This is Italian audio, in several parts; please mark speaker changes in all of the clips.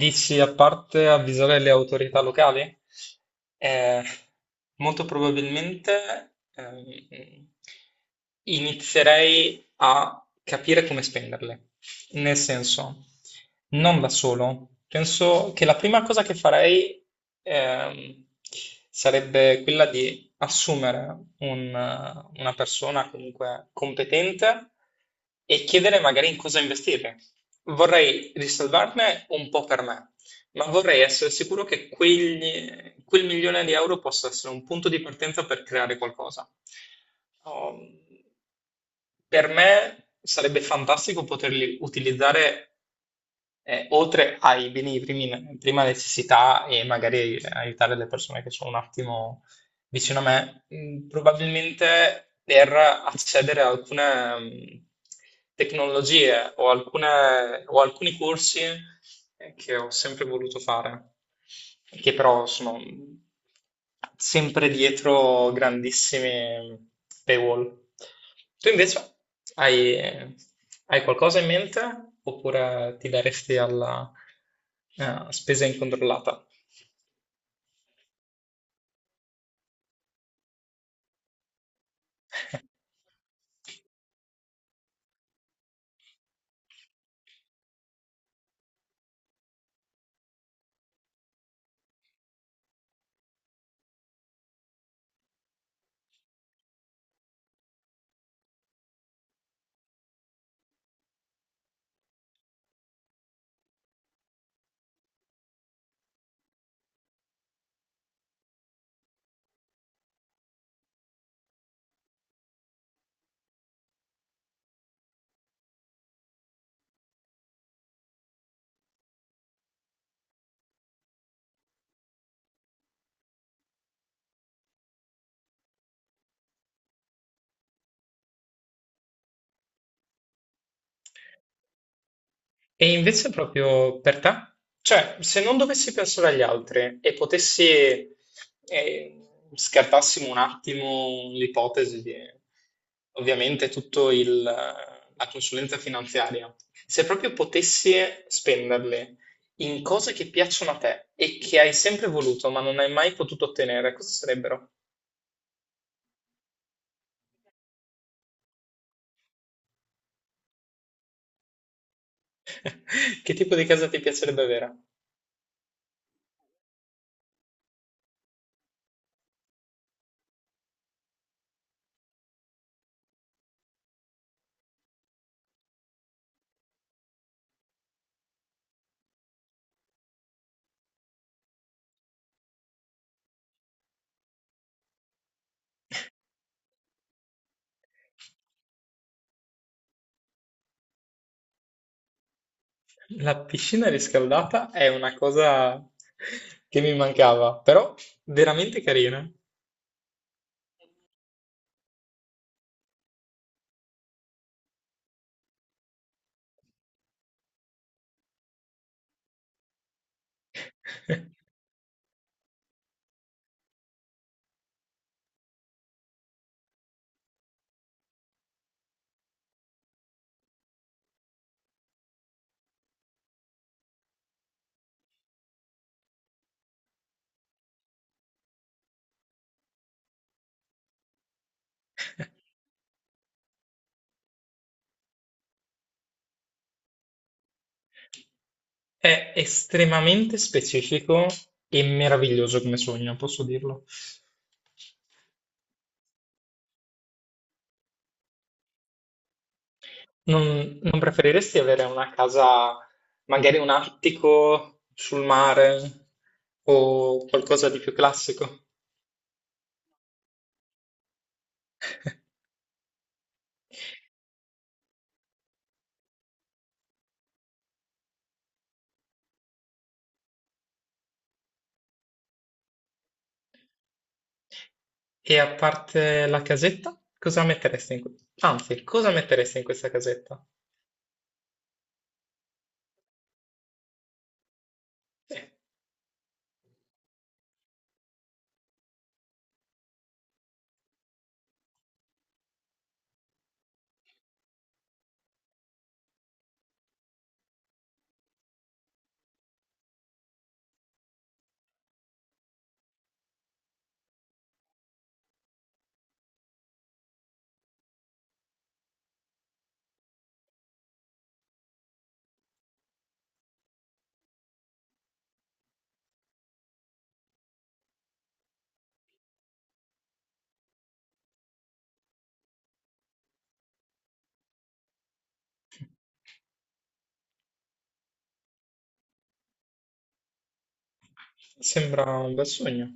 Speaker 1: Dici a parte avvisare le autorità locali? Eh, Molto probabilmente inizierei a capire come spenderle. Nel senso, non da solo. Penso che la prima cosa che farei ehm, sarebbe quella di assumere una persona comunque competente e chiedere magari in cosa investire. Vorrei riservarne un po' per me, ma vorrei essere sicuro che quel milione di euro possa essere un punto di partenza per creare qualcosa. Um, per me sarebbe fantastico poterli utilizzare oltre ai beni di prima necessità e magari aiutare le persone che sono un attimo vicino a me, probabilmente per accedere a alcune tecnologie o, o alcuni corsi che ho sempre voluto fare, e che però sono sempre dietro grandissimi paywall. Tu invece hai, hai qualcosa in mente oppure ti daresti alla spesa incontrollata? E invece proprio per te? Cioè, se non dovessi pensare agli altri e potessi, eh, scartassimo un attimo l'ipotesi di ovviamente la consulenza finanziaria, se proprio potessi spenderli in cose che piacciono a te e che hai sempre voluto ma non hai mai potuto ottenere, cosa sarebbero? Che tipo di casa ti piacerebbe avere? La piscina riscaldata è una cosa che mi mancava, però veramente carina. È estremamente specifico e meraviglioso come sogno, posso dirlo. Non preferiresti avere una casa, magari un attico sul mare o qualcosa di più classico? E a parte la casetta, cosa metteresti in Anzi, cosa metteresti in questa casetta? Sembra un bel sogno.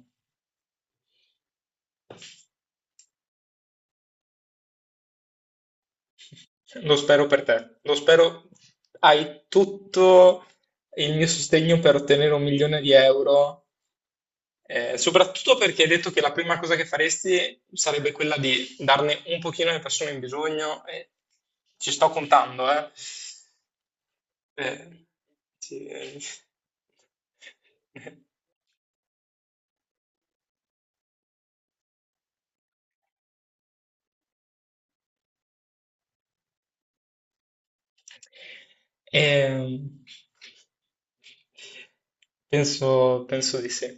Speaker 1: Lo spero per te. Lo spero. Hai tutto il mio sostegno per ottenere un milione di euro, soprattutto perché hai detto che la prima cosa che faresti sarebbe quella di darne un pochino alle persone in bisogno. E ci sto contando, eh. Eh, sì, eh. Ehm, penso di sì.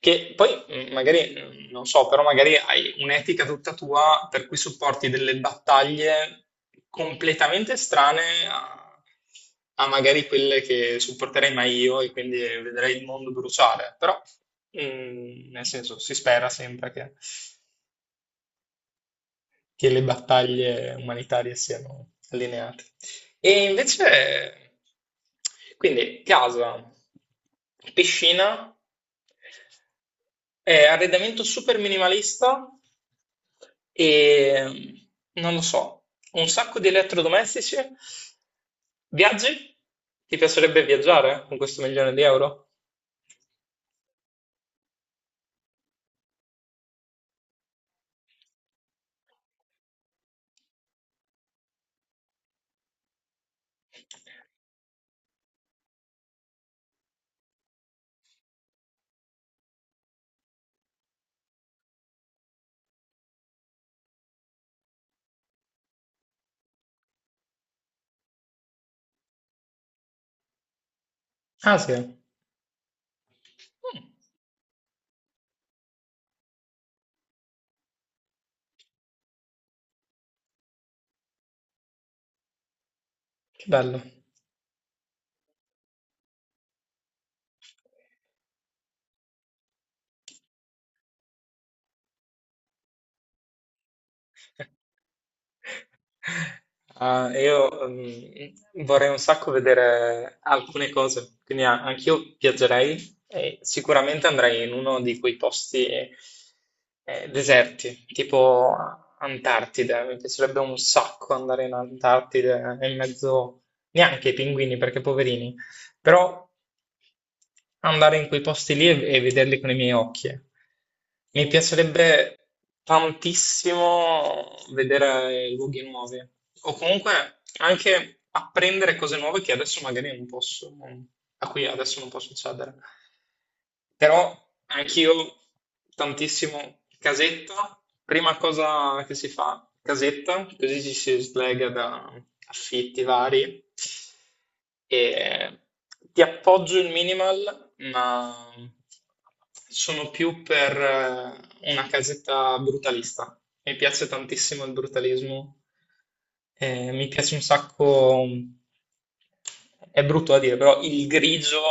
Speaker 1: Che poi magari, non so, però magari hai un'etica tutta tua per cui supporti delle battaglie completamente strane a magari quelle che supporterei mai io e quindi vedrei il mondo bruciare. Però, nel senso, si spera sempre che le battaglie umanitarie siano allineate. E invece, quindi casa, piscina, arredamento super minimalista e non lo so, un sacco di elettrodomestici, viaggi? Ti piacerebbe viaggiare con questo milione di euro? Ah, sì. Mm. Che bello. Ah, io vorrei un sacco vedere alcune cose, quindi anch'io viaggerei e sicuramente andrei in uno di quei posti deserti, tipo Antartide. Mi piacerebbe un sacco andare in Antartide in mezzo neanche ai pinguini, perché poverini, però andare in quei posti lì e vederli con i miei occhi. Eh. Mi piacerebbe tantissimo vedere i luoghi nuovi o comunque anche apprendere cose nuove che adesso magari non posso, a cui adesso non posso accedere. Però anch'io tantissimo casetta, prima cosa che si fa, casetta, così ci si slega da affitti vari e ti appoggio il minimal ma sono più per una casetta brutalista. Mi piace tantissimo il brutalismo mi piace un sacco, è brutto da dire, però il grigio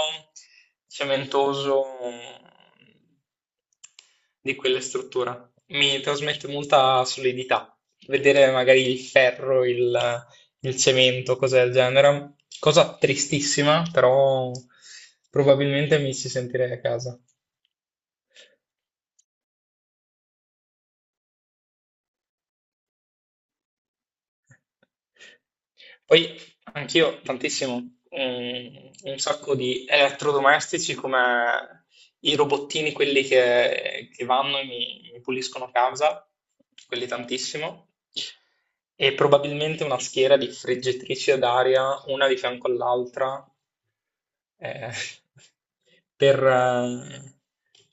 Speaker 1: cementoso di quella struttura mi trasmette molta solidità. Vedere magari il ferro, il cemento, cose del genere, cosa tristissima, però probabilmente mi ci sentirei a casa. Poi anch'io tantissimo, mm, un sacco di elettrodomestici come i robottini, quelli che vanno e mi puliscono casa, quelli tantissimo, e probabilmente una schiera di friggitrici d'aria, una di fianco all'altra, eh, per, eh,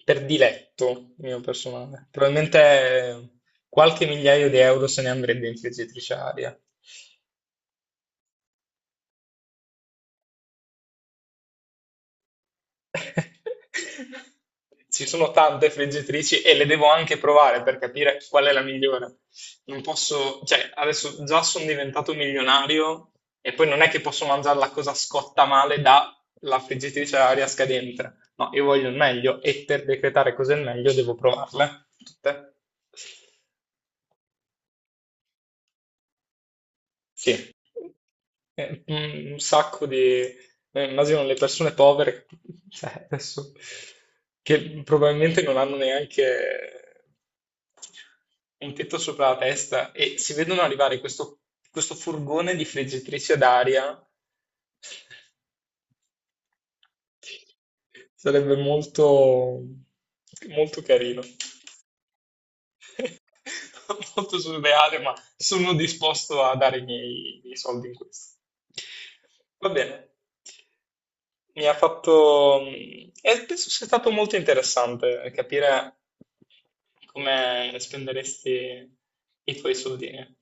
Speaker 1: per diletto mio personale. Probabilmente qualche migliaio di euro se ne andrebbe in friggitrice d'aria. Ci sono tante friggitrici e le devo anche provare per capire qual è la migliore. Non posso, cioè, adesso già sono diventato milionario e poi non è che posso mangiare la cosa scotta male dalla friggitrice ad aria scadente. No, io voglio il meglio e per decretare cos'è il meglio devo provarle tutte. Sì. Un sacco di... immagino le persone povere, cioè, adesso, che probabilmente non hanno neanche un tetto sopra la testa e si vedono arrivare questo, questo furgone di friggitrici ad aria. Sarebbe molto, molto carino. Molto surreale, ma sono disposto a dare i miei soldi in questo. Va bene, mi ha fatto... mm, E penso sia stato molto interessante capire come spenderesti i tuoi soldini.